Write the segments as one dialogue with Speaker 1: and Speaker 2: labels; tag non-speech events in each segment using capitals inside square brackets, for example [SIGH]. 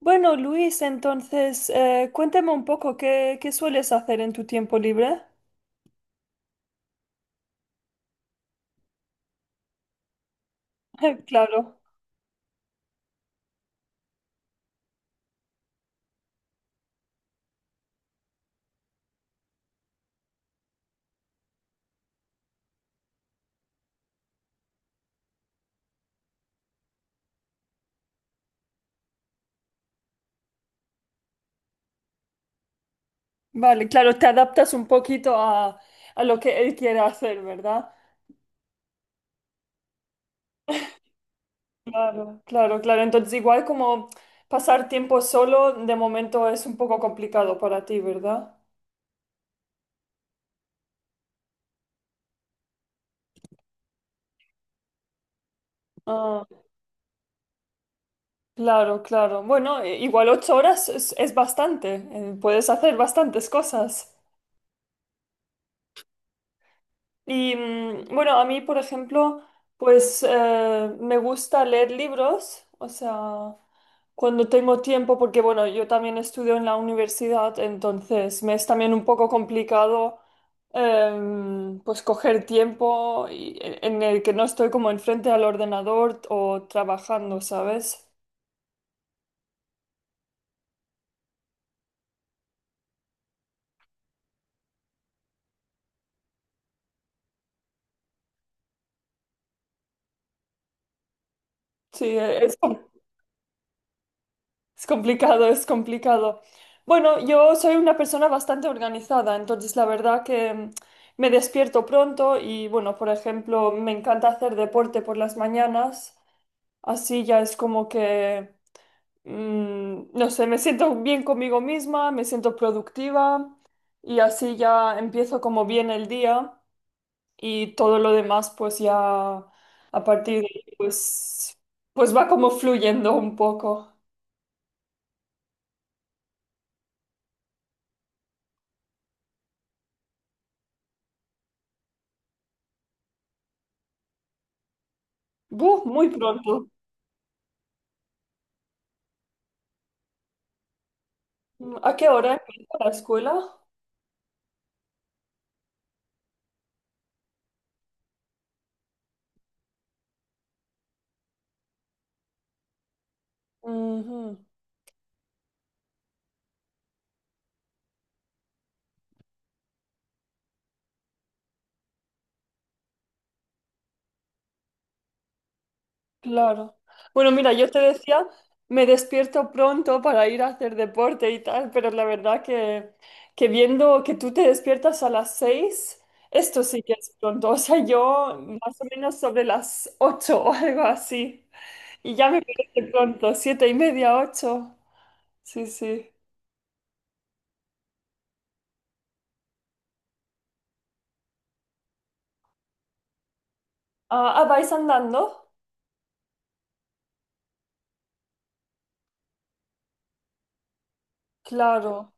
Speaker 1: Bueno, Luis, entonces, cuéntame un poco qué sueles hacer en tu tiempo libre. [LAUGHS] Claro, vale, claro, te adaptas un poquito a lo que él quiere hacer, ¿verdad? Claro, claro, claro. Entonces, igual como pasar tiempo solo, de momento es un poco complicado para ti, ¿verdad? Ah, claro, claro. Bueno, igual ocho horas es bastante. Puedes hacer bastantes cosas. Y bueno, a mí, por ejemplo, pues me gusta leer libros, o sea, cuando tengo tiempo, porque bueno, yo también estudio en la universidad, entonces me es también un poco complicado pues coger tiempo en el que no estoy como enfrente al ordenador o trabajando, ¿sabes? Sí, es. Es complicado, es complicado. Bueno, yo soy una persona bastante organizada, entonces la verdad que me despierto pronto y bueno, por ejemplo, me encanta hacer deporte por las mañanas, así ya es como que no sé, me siento bien conmigo misma, me siento productiva y así ya empiezo como bien el día y todo lo demás pues ya a partir de ahí pues, pues va como fluyendo un poco. Buh, muy pronto. Mm, ¿a qué hora empieza la escuela? Ujú, claro. Bueno, mira, yo te decía, me despierto pronto para ir a hacer deporte y tal, pero la verdad que viendo que tú te despiertas a las seis, esto sí que es pronto. [LAUGHS] O sea, yo más o menos sobre las ocho o algo así. Y ya me parece pronto, siete y media, ocho. Sí, sí. Ah, ah, ¿vais andando? Claro.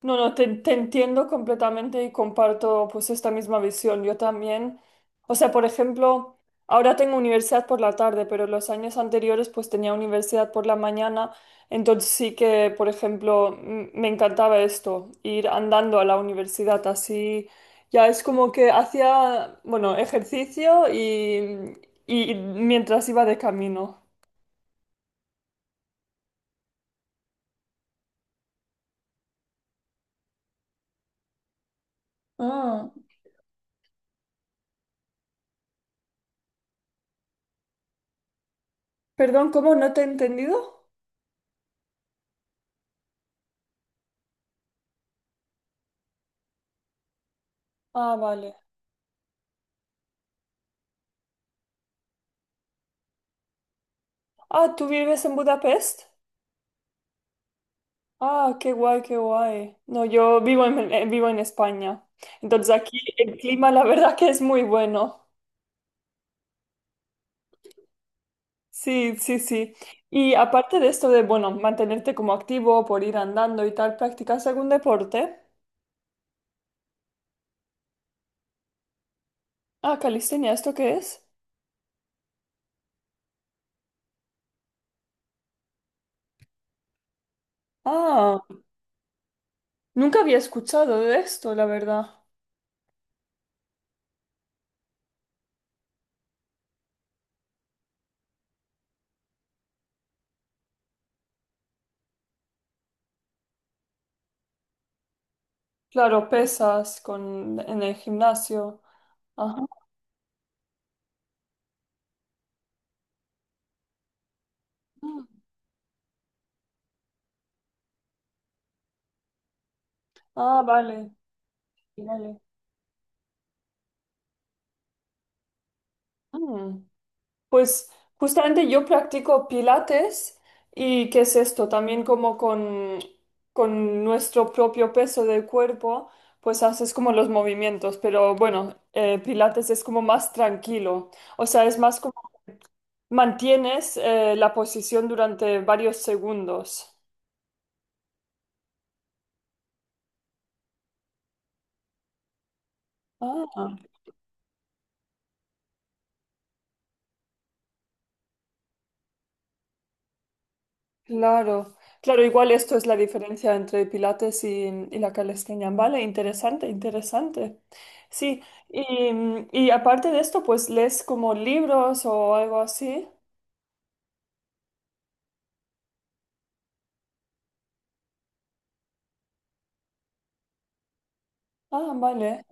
Speaker 1: No, no, te entiendo completamente y comparto pues esta misma visión. Yo también, o sea, por ejemplo, ahora tengo universidad por la tarde, pero los años anteriores pues tenía universidad por la mañana, entonces sí que, por ejemplo, me encantaba esto, ir andando a la universidad así, ya es como que hacía, bueno, ejercicio y mientras iba de camino. Ah, perdón, ¿cómo no te he entendido? Ah, vale. Ah, ¿tú vives en Budapest? Ah, qué guay, qué guay. No, yo vivo en, vivo en España. Entonces aquí el clima, la verdad que es muy bueno. Sí, sí, sí. Y aparte de esto de, bueno, mantenerte como activo por ir andando y tal, ¿practicas algún deporte? Ah, calistenia, ¿esto qué es? Ah, nunca había escuchado de esto, la verdad. Claro, pesas con, en el gimnasio. Ajá. Ah, vale, vale. Mm. Pues justamente yo practico pilates y ¿qué es esto? También como con nuestro propio peso del cuerpo, pues haces como los movimientos, pero bueno, pilates es como más tranquilo, o sea, es más como mantienes la posición durante varios segundos. Ah. Claro, claro, igual esto es la diferencia entre Pilates y la calistenia, ¿vale? Interesante, interesante. Sí, y aparte de esto, pues lees como libros o algo así. Ah, vale.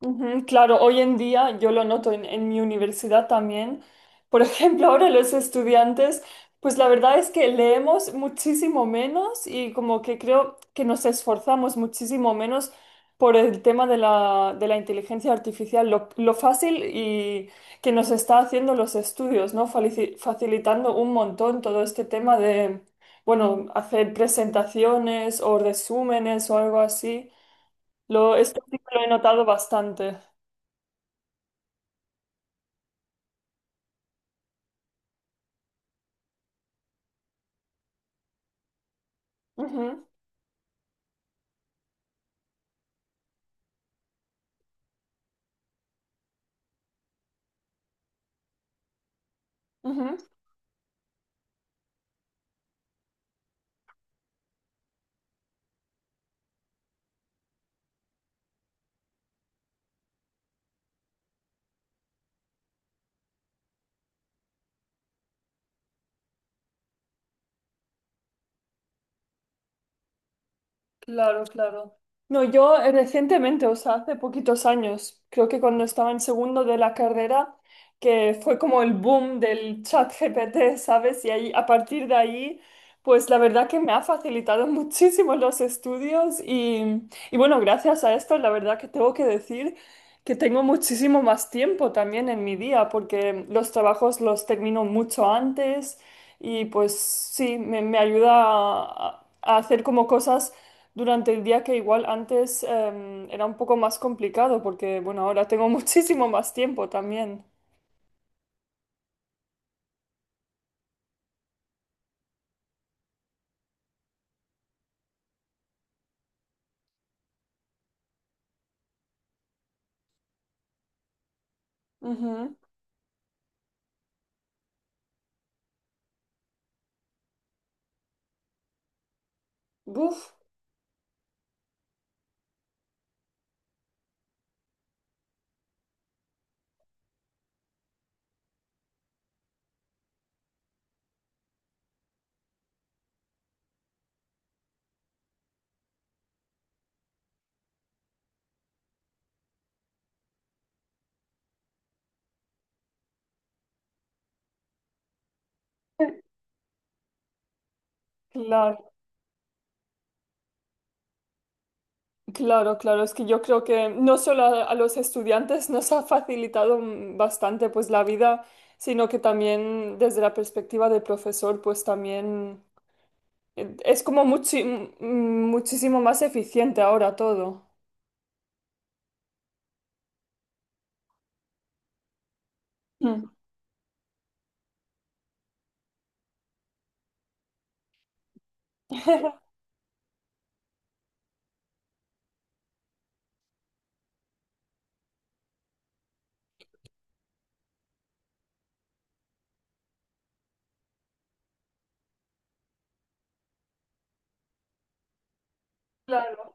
Speaker 1: Ujú, claro, hoy en día yo lo noto en mi universidad también. Por [LAUGHS] ejemplo, ahora los estudiantes, pues la verdad es que leemos muchísimo menos y como que creo que nos esforzamos muchísimo menos por el tema de de la inteligencia artificial, lo fácil y que nos está haciendo los estudios, ¿no? Facilitando un montón todo este tema de, bueno, hacer presentaciones o resúmenes o algo así. Lo, esto sí que lo he notado bastante. Ujú, ujú. Claro, claro. No, yo recientemente, o sea, hace poquitos años, creo que cuando estaba en segundo de la carrera, que fue como el boom del chat GPT, ¿sabes? Y ahí, a partir de ahí, pues la verdad que me ha facilitado [LAUGHS] muchísimo los estudios y bueno, gracias a esto, la verdad que tengo que decir que tengo muchísimo más tiempo también en mi día, porque los trabajos los termino mucho antes y pues sí, me ayuda a hacer como cosas durante el día que igual antes era un poco más complicado porque, bueno, ahora tengo [LAUGHS] muchísimo más tiempo también. Ujú. Buf. Claro, claro, claro. Es que yo creo que no solo a los estudiantes [LAUGHS] nos ha facilitado bastante pues la vida, sino que también desde la perspectiva del profesor, pues también es como muchísimo más eficiente ahora todo. Mm. [LAUGHS] Claro.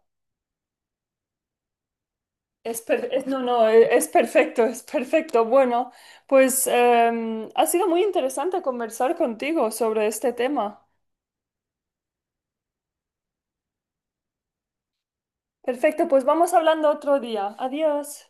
Speaker 1: No, no, es perfecto, es perfecto. Bueno, pues ha sido muy interesante conversar contigo sobre este tema. Perfecto, pues vamos hablando otro día. Adiós.